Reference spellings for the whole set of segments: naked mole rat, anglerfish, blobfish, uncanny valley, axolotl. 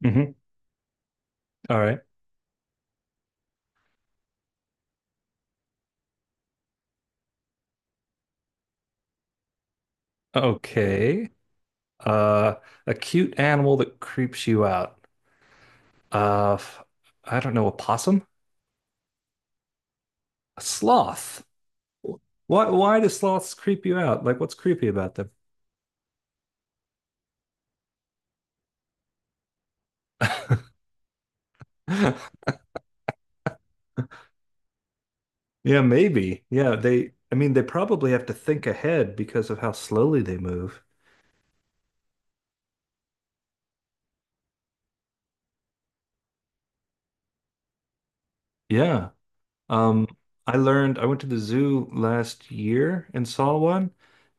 Mhm. All right. Okay. Uh, a cute animal that creeps you out. Uh, f- I don't know, a possum? A sloth. Why do sloths creep you out? Like, what's creepy about them? Yeah, maybe. Yeah, I mean, they probably have to think ahead because of how slowly they move. Yeah. Um, I went to the zoo last year and saw one.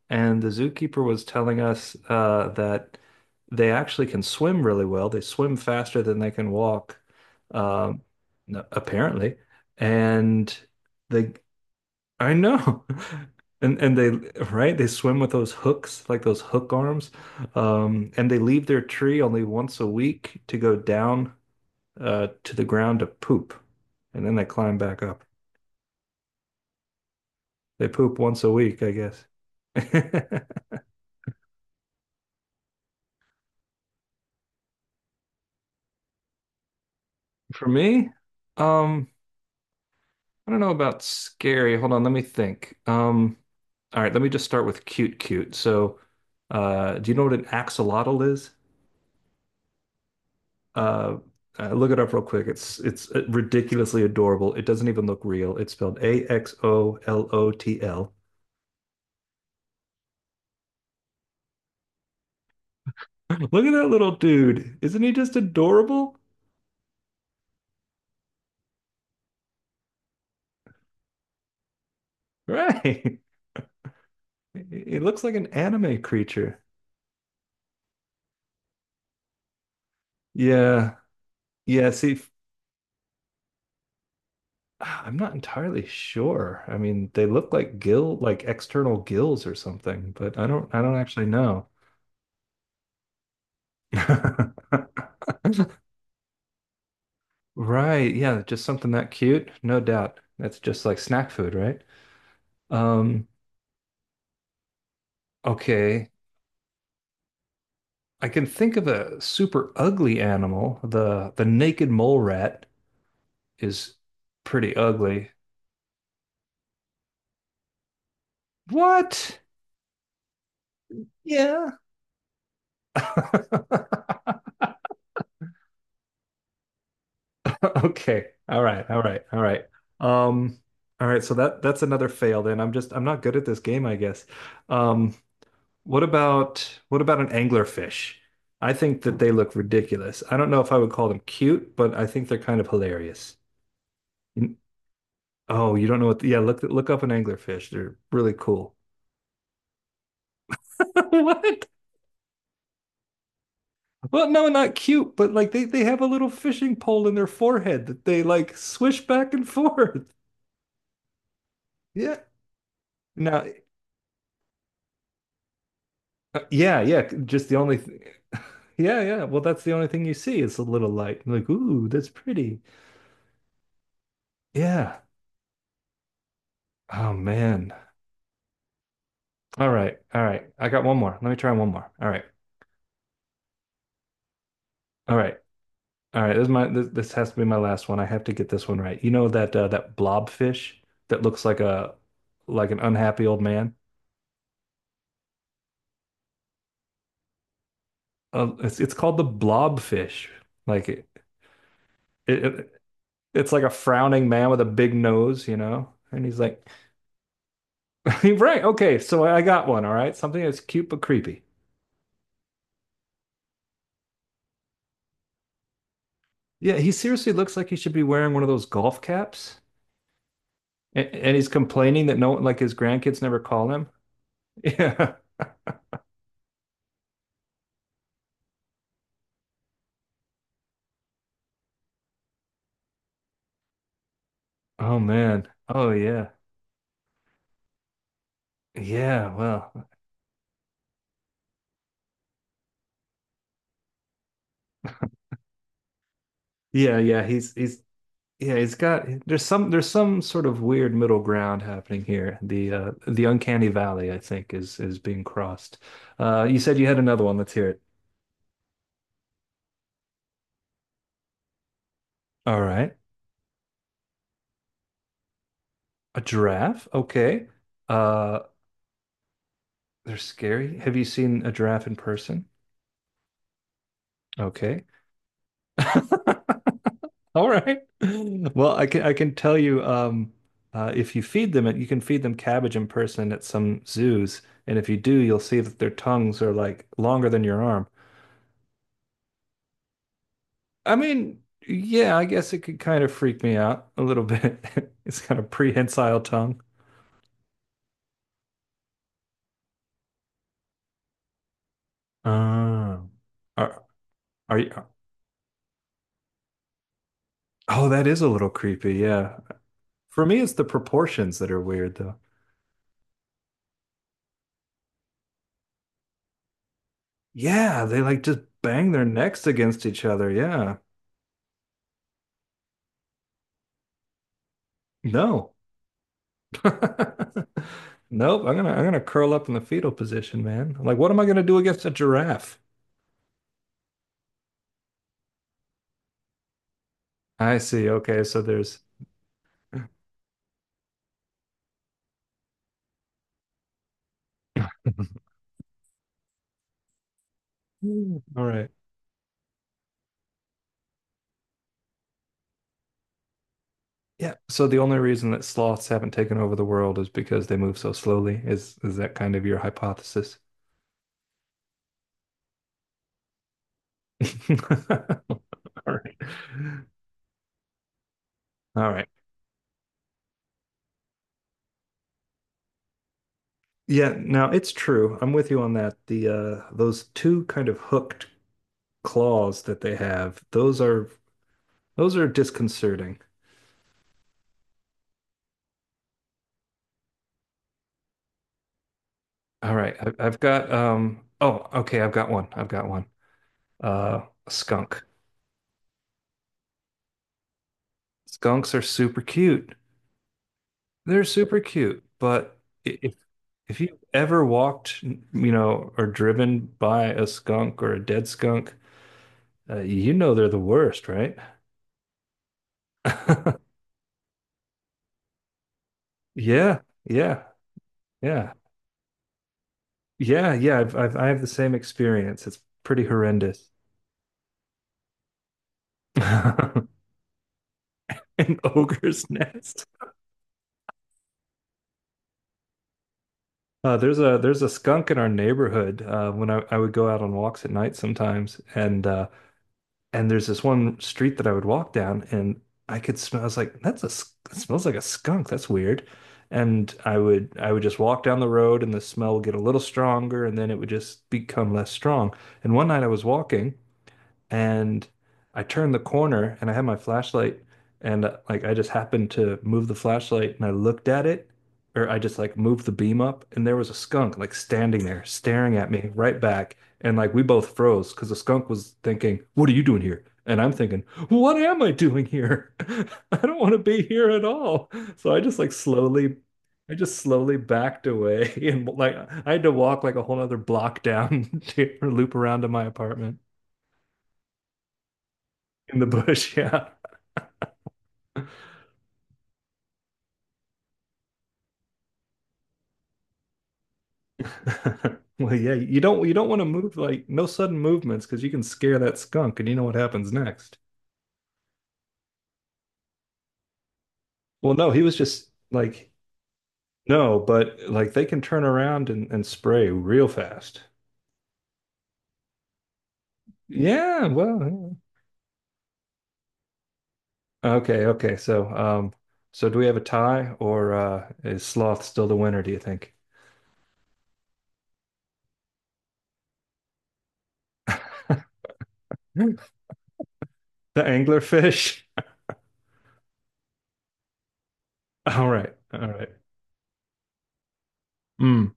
And the zookeeper was telling us that they actually can swim really well. They swim faster than they can walk. Wow. Apparently. And they, I know. And they right, they swim with those hooks, like those hook arms, and they leave their tree only once a week to go down to the ground to poop, and then they climb back up. They poop once a week, I guess. For me, um. I don't know about scary. Hold on, let me think. All right, let me just start with cute, cute. So, do you know what an axolotl is? Uh, Look it up real quick. It's ridiculously adorable. It doesn't even look real. It's spelled axolotl. Look at that little dude. Isn't he just adorable? Right. He looks like an anime creature. Yeah. Yeah. See, I'm not entirely sure. I mean, they look like gill, like external gills or something, but I don't actually know. Right, yeah, just something that cute, no doubt. That's just like snack food, right? Um, okay. I can think of a super ugly animal. The naked mole rat is pretty ugly. What? Yeah. Okay. All right. All right. All right. Um, all right. So that's another fail then. I'm not good at this game, I guess. Um, what about an anglerfish? I think that they look ridiculous. I don't know if I would call them cute, but I think they're kind of hilarious. You- Oh, you don't know what, yeah, look up an anglerfish. They're really cool. What? Well, no, not cute, but like they have a little fishing pole in their forehead that they like swish back and forth. Yeah. Now, yeah, yeah. Just the only thing. Yeah, yeah. Well, that's the only thing you see. It's a little light. Like, ooh, that's pretty. Yeah. Oh man. All right. All right. I got one more. Let me try one more. All right. All right. All right. This has to be my last one. I have to get this one right. You know that that blobfish that looks like a like an unhappy old man? It's called the blobfish. Like it, it, it it's like a frowning man with a big nose, you know? And he's like right. Okay. So I got one. All right. Something that's cute but creepy. Yeah. He seriously looks like he should be wearing one of those golf caps. And he's complaining that no, like his grandkids never call him. Yeah. Oh man. Oh yeah. Yeah. Well. Yeah. Yeah. He's yeah. He's got there's some sort of weird middle ground happening here. The uncanny valley I think is being crossed. You said you had another one. Let's hear it. All right. A giraffe. Okay. Uh. They're scary. Have you seen a giraffe in person? Okay. All right. Well, I can tell you if you feed them, you can feed them cabbage in person at some zoos, and if you do, you'll see that their tongues are like longer than your arm. I mean, yeah, I guess it could kind of freak me out a little bit. It's kind of prehensile tongue. Oh. Are are you? Oh, that is a little creepy. Yeah. For me, it's the proportions that are weird, though. Yeah, they like just bang their necks against each other. Yeah. No. Nope. I'm gonna curl up in the fetal position, man. I'm like, what am I gonna do against a giraffe? I see. Okay, so there's all right. Yeah. So the only reason that sloths haven't taken over the world is because they move so slowly. Is that kind of your hypothesis? All right. All right. Yeah, now it's true. I'm with you on that. The those two kind of hooked claws that they have, those are disconcerting. All right, I've got. Oh, okay, I've got one. I've got one. Uh, a skunk. Skunks are super cute. They're super cute, but i- if if you ever walked, or driven by a skunk or a dead skunk, you know they're the worst, right? Yeah, yeah, yeah, yeah, yeah. I have the same experience. It's pretty horrendous. An ogre's nest. There's a skunk in our neighborhood. When I would go out on walks at night sometimes, and there's this one street that I would walk down, and I could smell. I was like, that smells like a skunk. That's weird. And I would just walk down the road, and the smell would get a little stronger, and then it would just become less strong. And one night I was walking, and I turned the corner and I had my flashlight and like I just happened to move the flashlight and I looked at it, or I just like moved the beam up, and there was a skunk like standing there staring at me right back, and like we both froze because the skunk was thinking, "What are you doing here?" And I'm thinking, "What am I doing here? I don't want to be here at all." So I just slowly backed away and like I had to walk like a whole other block down to loop around to my apartment in the bush. Yeah. Well, yeah, you don't want to move, like, no sudden movements because you can scare that skunk and you know what happens next. Well, no, he was just like no, but like they can turn around and spray real fast. Yeah, well, yeah. Okay, okay. So do we have a tie, or is sloth still the winner, do you think? The anglerfish? All right. All right. Mm,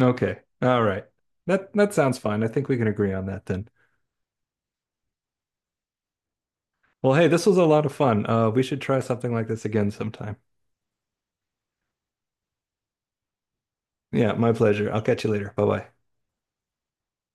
okay. All right. That sounds fine. I think we can agree on that then. Well, hey, this was a lot of fun. We should try something like this again sometime. Yeah, my pleasure. I'll catch you later. Bye bye.